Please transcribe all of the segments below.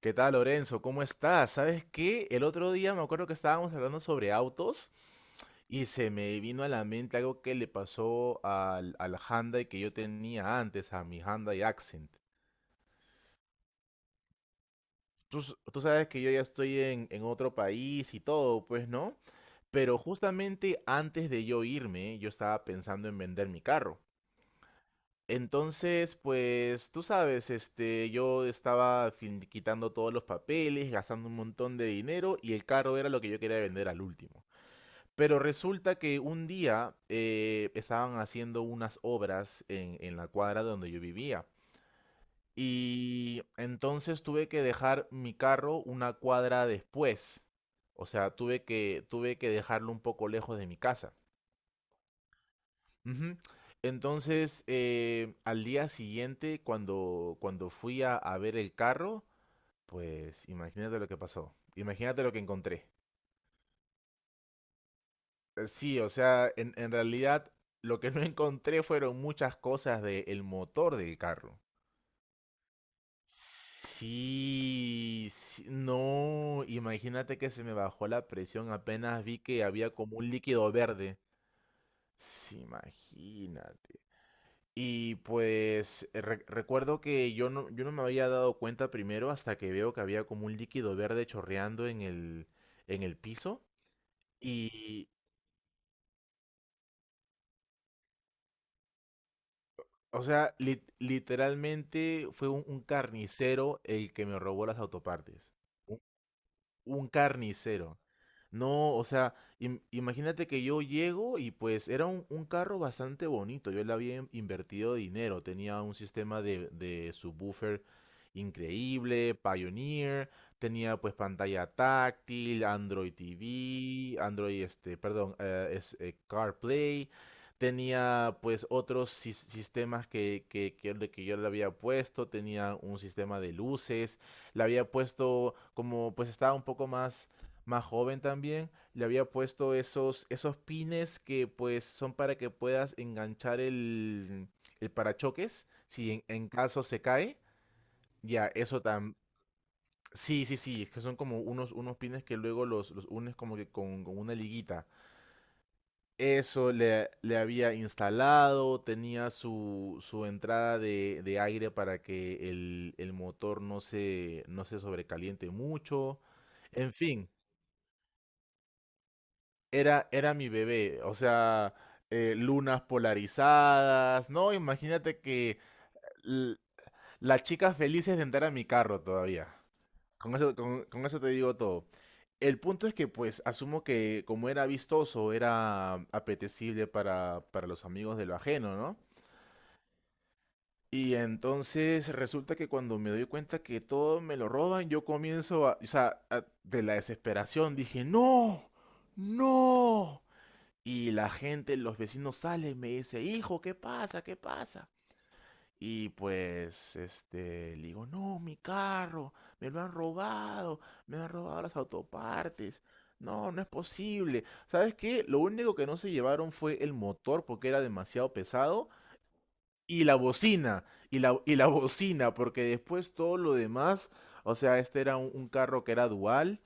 ¿Qué tal, Lorenzo? ¿Cómo estás? ¿Sabes qué? El otro día me acuerdo que estábamos hablando sobre autos y se me vino a la mente algo que le pasó al Hyundai que yo tenía antes, a mi Hyundai Accent. Tú sabes que yo ya estoy en otro país y todo, pues, ¿no? Pero justamente antes de yo irme, yo estaba pensando en vender mi carro. Entonces, pues tú sabes, este, yo estaba quitando todos los papeles, gastando un montón de dinero y el carro era lo que yo quería vender al último. Pero resulta que un día estaban haciendo unas obras en la cuadra donde yo vivía. Y entonces tuve que dejar mi carro una cuadra después. O sea, tuve que dejarlo un poco lejos de mi casa. Ujú. Entonces, al día siguiente, cuando fui a ver el carro, pues imagínate lo que pasó. Imagínate lo que encontré. Sí, o sea, en realidad lo que no encontré fueron muchas cosas del motor del carro. Sí, sí, no, imagínate que se me bajó la presión apenas vi que había como un líquido verde. Sí, imagínate. Y pues recuerdo que yo no me había dado cuenta primero hasta que veo que había como un líquido verde chorreando en el piso. Y, o sea, literalmente fue un carnicero el que me robó las autopartes. Un carnicero. No, o sea, imagínate que yo llego y pues era un carro bastante bonito. Yo le había invertido dinero. Tenía un sistema de subwoofer increíble, Pioneer. Tenía pues pantalla táctil, Android TV, Android, perdón, es, CarPlay. Tenía pues otros sistemas que yo le había puesto. Tenía un sistema de luces le había puesto, como pues estaba un poco más joven también, le había puesto esos, esos pines que pues son para que puedas enganchar el parachoques si en caso se cae. Ya, eso tam... Sí, sí, sí, es que son como unos pines que luego los unes como que con una liguita. Eso le había instalado, tenía su entrada de aire para que el motor no se sobrecaliente mucho. En fin, era mi bebé. O sea, lunas polarizadas, ¿no? Imagínate que l- las chicas felices de entrar a mi carro todavía. Con eso, con eso te digo todo. El punto es que, pues, asumo que como era vistoso, era apetecible para los amigos de lo ajeno, ¿no? Y entonces resulta que cuando me doy cuenta que todo me lo roban, yo comienzo a, o sea, de la desesperación dije, no, no. Y la gente, los vecinos salen, me dice, hijo, ¿qué pasa? ¿Qué pasa? Y pues, este, le digo, no, mi carro, me lo han robado, me han robado las autopartes. No, no es posible. ¿Sabes qué? Lo único que no se llevaron fue el motor porque era demasiado pesado y la bocina, y la bocina, porque después todo lo demás, o sea, este era un carro que era dual,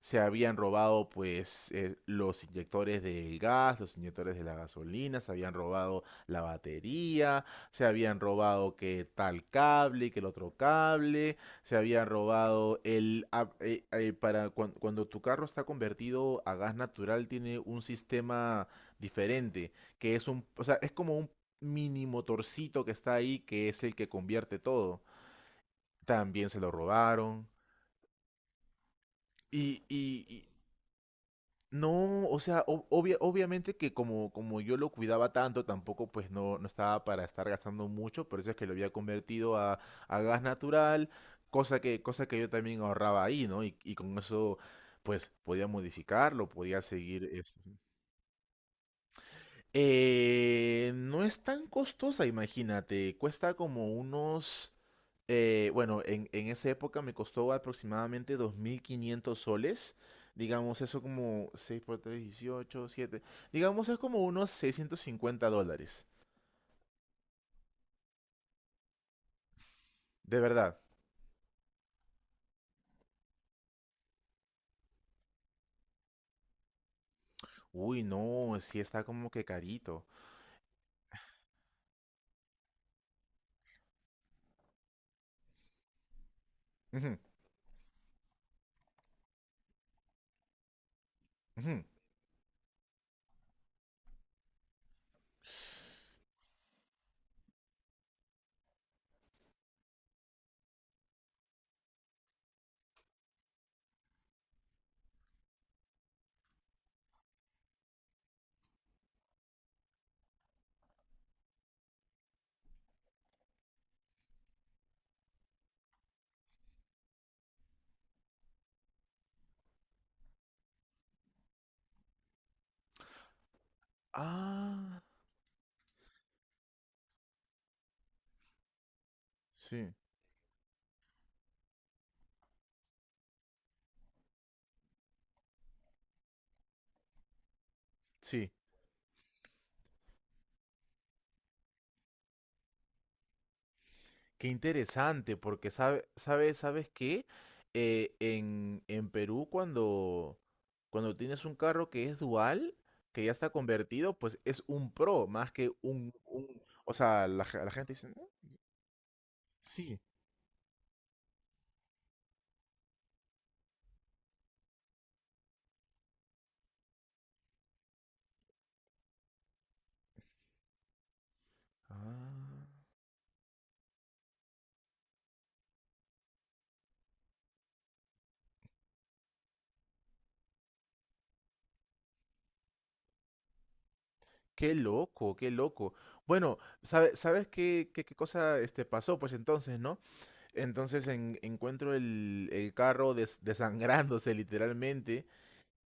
se habían robado pues los inyectores del gas, los inyectores de la gasolina, se habían robado la batería, se habían robado que tal cable, que el otro cable, se habían robado el... ah, para cuando tu carro está convertido a gas natural tiene un sistema diferente que es un, o sea, es como un mini motorcito que está ahí, que es el que convierte todo, también se lo robaron. Y no, o sea, obviamente que como yo lo cuidaba tanto, tampoco pues no estaba para estar gastando mucho, por eso es que lo había convertido a gas natural, cosa que yo también ahorraba ahí, ¿no? Y con eso pues podía modificarlo, podía seguir. No es tan costosa, imagínate. Cuesta como unos... bueno, en esa época me costó aproximadamente 2500 soles. Digamos, eso como 6 por 3 18 7, digamos, es como unos $650. De verdad. Uy, no, sí está como que carito. Ujú, ujú. Ah, sí, sí. Qué interesante, porque sabe, sabe, ¿sabes qué? En Perú, cuando tienes un carro que es dual, que ya está convertido, pues es un pro, más que un, o sea, la gente dice, "Mm, sí." Ah, qué loco, qué loco. Bueno, ¿sabes qué, qué cosa este, pasó? Pues entonces, ¿no? Entonces encuentro el carro desangrándose literalmente.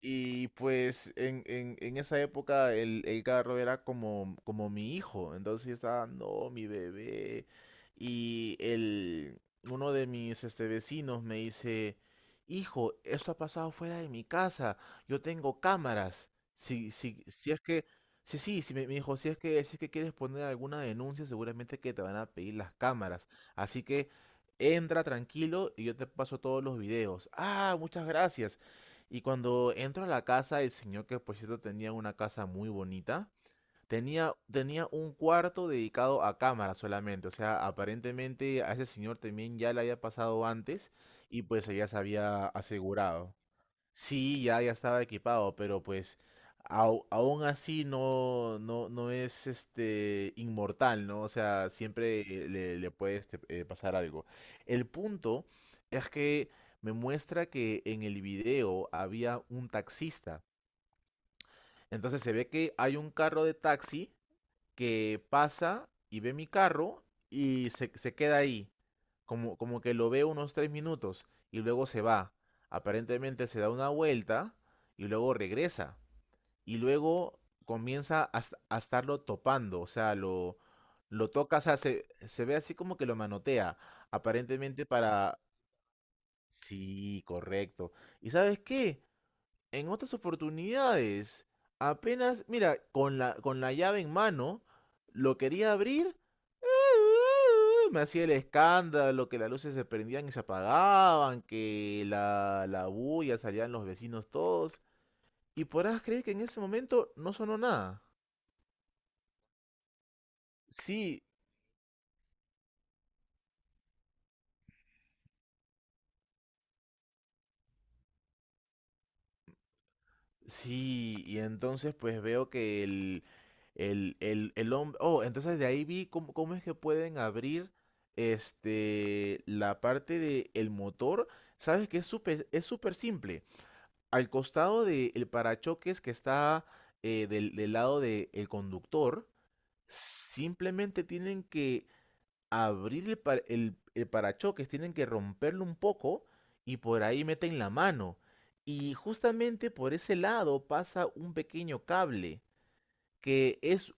Y pues en esa época el carro era como mi hijo, entonces yo estaba, no, mi bebé. Y el, uno de mis vecinos me dice, hijo, esto ha pasado fuera de mi casa, yo tengo cámaras. Si es que, sí, sí, sí, me dijo, si es que quieres poner alguna denuncia, seguramente que te van a pedir las cámaras. Así que entra tranquilo y yo te paso todos los videos. Ah, muchas gracias. Y cuando entro a la casa, el señor que por cierto tenía una casa muy bonita, tenía un cuarto dedicado a cámaras solamente. O sea, aparentemente a ese señor también ya le había pasado antes y pues ella se había asegurado. Sí, ya, ya estaba equipado, pero pues aún así no, no, no es este inmortal, ¿no? O sea, siempre le puede pasar algo. El punto es que me muestra que en el video había un taxista. Entonces se ve que hay un carro de taxi que pasa y ve mi carro y se queda ahí, como que lo ve unos 3 minutos y luego se va. Aparentemente se da una vuelta y luego regresa y luego comienza a estarlo topando, o sea, lo toca, o sea, se ve así como que lo manotea, aparentemente para... Sí, correcto. ¿Y sabes qué? En otras oportunidades, apenas, mira, con la llave en mano, lo quería abrir, me hacía el escándalo, que las luces se prendían y se apagaban, que la bulla salían los vecinos todos. Y podrás creer que en ese momento no sonó nada. Sí, sí, y entonces pues veo que el hombre... Oh, entonces de ahí vi cómo es que pueden abrir la parte del motor. Sabes que es súper simple. Al costado del parachoques que está del lado del conductor, simplemente tienen que abrir el parachoques, tienen que romperlo un poco y por ahí meten la mano. Y justamente por ese lado pasa un pequeño cable que es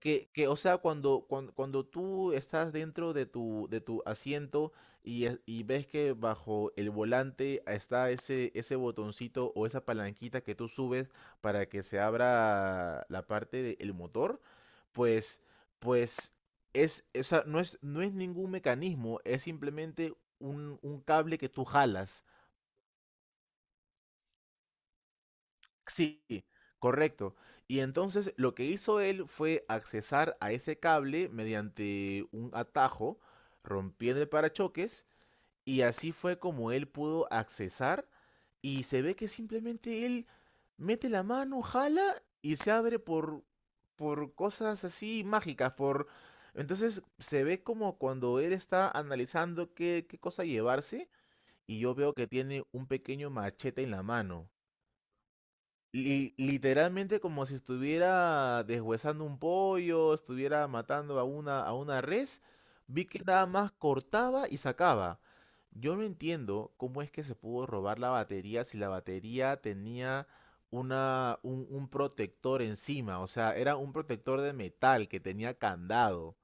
que, o sea, cuando tú estás dentro de tu asiento y, y ves que bajo el volante está ese botoncito o esa palanquita que tú subes para que se abra la parte del motor, pues, pues es, o sea, no es ningún mecanismo, es simplemente un cable que tú jalas. Sí, correcto. Y entonces lo que hizo él fue accesar a ese cable mediante un atajo, rompiendo el parachoques, y así fue como él pudo accesar. Y se ve que simplemente él mete la mano, jala y se abre por cosas así mágicas, por... Entonces se ve como cuando él está analizando qué cosa llevarse y yo veo que tiene un pequeño machete en la mano literalmente como si estuviera deshuesando un pollo, estuviera matando a una res, vi que nada más cortaba y sacaba. Yo no entiendo cómo es que se pudo robar la batería si la batería tenía un protector encima, o sea, era un protector de metal que tenía candado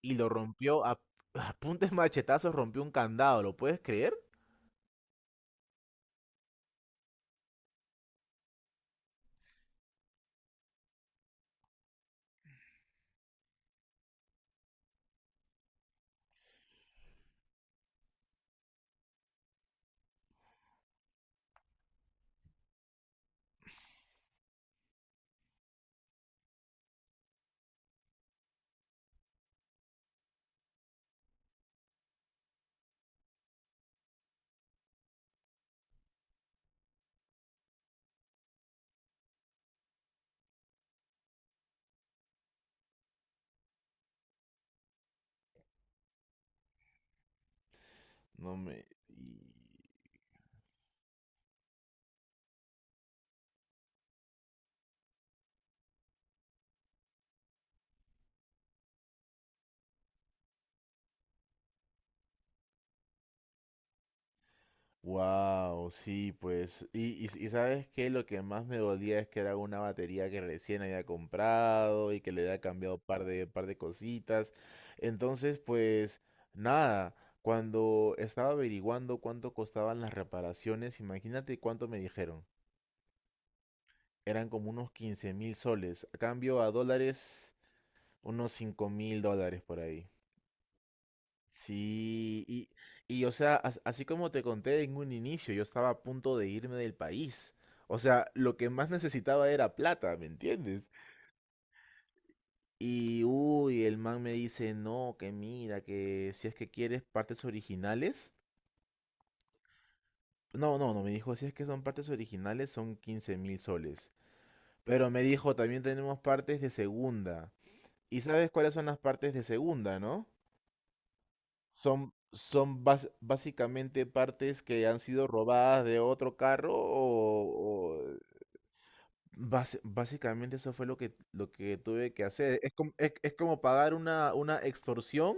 y lo rompió a, a puntes machetazos, rompió un candado, ¿lo puedes creer? No me... Wow, sí, pues. Y sabes qué, lo que más me dolía es que era una batería que recién había comprado y que le había cambiado un par de cositas. Entonces, pues, nada, cuando estaba averiguando cuánto costaban las reparaciones, imagínate cuánto me dijeron. Eran como unos 15,000 soles. A cambio a dólares, unos $5000 por ahí. Sí, y o sea, así como te conté en un inicio, yo estaba a punto de irme del país. O sea, lo que más necesitaba era plata, ¿me entiendes? Y uy, el man me dice, no, que mira, que si es que quieres partes originales. No, no, no, me dijo, si es que son partes originales son 15,000 soles. Pero me dijo, también tenemos partes de segunda. ¿Y sabes cuáles son las partes de segunda, no? Básicamente partes que han sido robadas de otro carro básicamente eso fue lo lo que tuve que hacer. Es es como pagar una extorsión.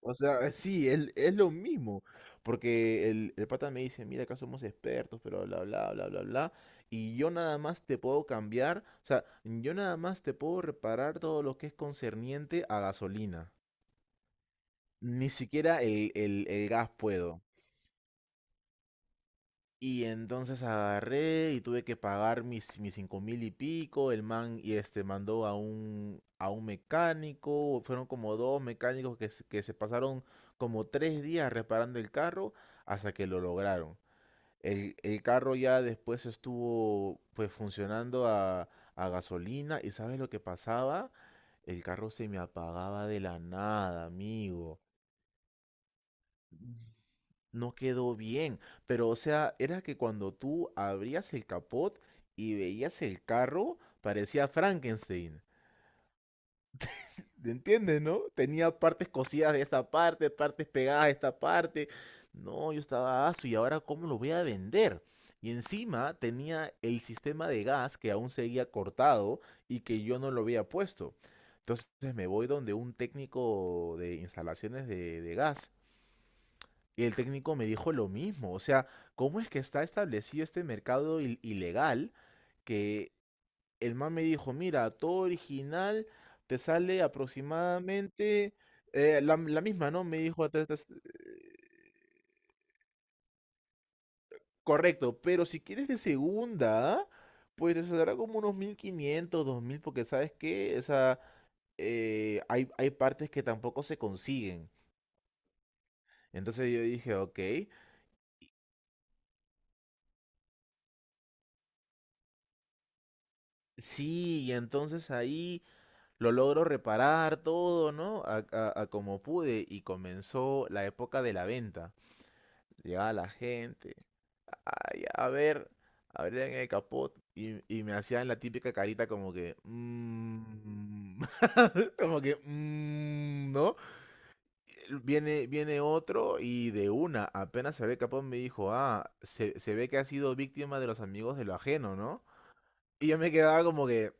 O sea, sí, es lo mismo. Porque el pata me dice, mira, acá somos expertos, pero bla, bla, bla, bla, bla. Y yo nada más te puedo cambiar. O sea, yo nada más te puedo reparar todo lo que es concerniente a gasolina. Ni siquiera el gas puedo. Y entonces agarré y tuve que pagar mis 5 mil y pico. El man y este mandó a un mecánico. Fueron como dos mecánicos que se pasaron como 3 días reparando el carro hasta que lo lograron. El carro ya después estuvo pues funcionando a gasolina. ¿Y sabes lo que pasaba? El carro se me apagaba de la nada, amigo, no quedó bien. Pero, o sea, era que cuando tú abrías el capot y veías el carro, parecía Frankenstein. ¿Te entiendes, no? Tenía partes cosidas de esta parte, partes pegadas de esta parte. No, yo estaba aso y ahora cómo lo voy a vender. Y encima tenía el sistema de gas que aún seguía cortado y que yo no lo había puesto. Entonces me voy donde un técnico de instalaciones de gas y el técnico me dijo lo mismo, o sea, ¿cómo es que está establecido este mercado ilegal? Que el man me dijo, mira, todo original te sale aproximadamente la misma, ¿no? Me dijo, correcto, pero si quieres de segunda, pues te saldrá como unos 1.500 2 mil porque sabes que, o sea, hay partes que tampoco se consiguen. Entonces yo dije, ok, sí, y entonces ahí... Lo logro reparar todo, ¿no? A como pude y comenzó la época de la venta. Llegaba la gente, ay, a ver, abrían el capot y me hacían la típica carita como que, "Mm", como que, "Mm", ¿no? Viene otro y de una, apenas se ve capón, me dijo, ah, se ve que ha sido víctima de los amigos de lo ajeno, ¿no? Y yo me quedaba como que,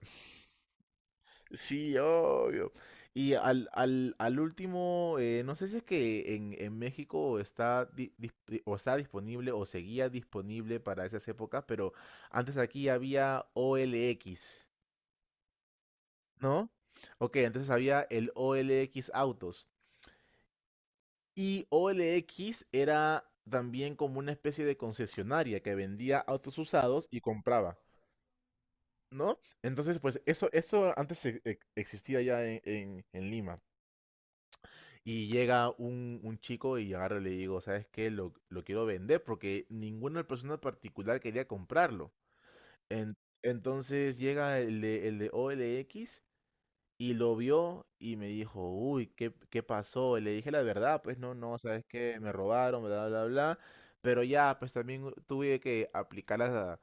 sí, obvio. Y al último, no sé si es que en México está, o está disponible o seguía disponible para esas épocas, pero antes aquí había OLX, ¿no? Ok, entonces había el OLX Autos. Y OLX era también como una especie de concesionaria que vendía autos usados y compraba, ¿no? Entonces, pues eso antes existía ya en, en Lima. Y llega un chico y agarro y le digo, ¿sabes qué? Lo quiero vender porque ninguna persona en particular quería comprarlo. En- entonces llega el de o l x y lo vio y me dijo, uy, ¿qué pasó? Y le dije la verdad, pues no, no, sabes qué, me robaron, bla, bla, bla. Pero ya, pues también tuve que aplicar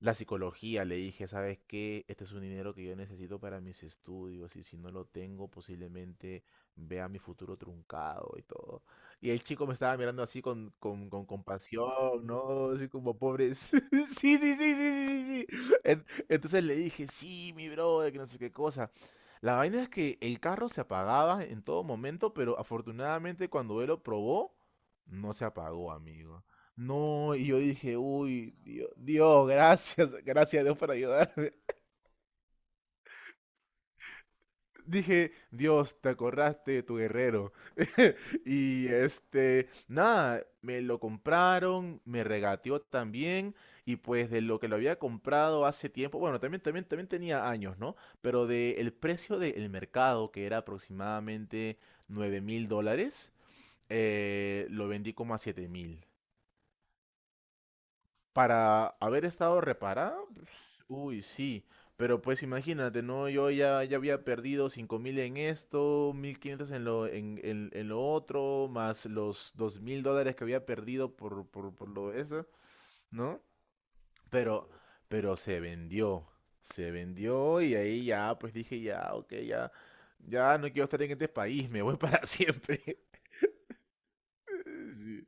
la psicología. Le dije, ¿sabes qué? Este es un dinero que yo necesito para mis estudios y si no lo tengo, posiblemente vea mi futuro truncado y todo. Y el chico me estaba mirando así con compasión, ¿no? Así como pobres. Sí, sí, sí, sí, sí, sí, sí. Entonces le dije, sí, mi brother, que no sé qué cosa. La vaina es que el carro se apagaba en todo momento, pero afortunadamente cuando él lo probó, no se apagó, amigo. No, y yo dije, uy, Dios, Dios, gracias, gracias a Dios por ayudarme. Dije, Dios, te acordaste de tu guerrero. Y este, nada, me lo compraron, me regateó también, y pues de lo que lo había comprado hace tiempo, bueno, también tenía años, ¿no? Pero del precio del mercado, que era aproximadamente 9 mil dólares, lo vendí como a 7 mil. Para haber estado reparada, pues, uy, sí, pero pues imagínate, ¿no? Yo ya había perdido 5 mil en esto, 1.500 en en lo otro, más los 2 mil dólares que había perdido por lo eso, ¿no? Pero, pero se vendió y ahí ya, pues dije, ya, ok, ya, ya no quiero estar en este país, me voy para siempre. Sí.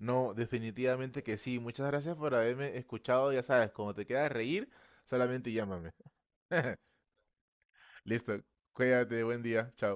No, definitivamente que sí. Muchas gracias por haberme escuchado. Ya sabes, cuando te queda reír, solamente llámame. Listo. Cuídate, buen día. Chao.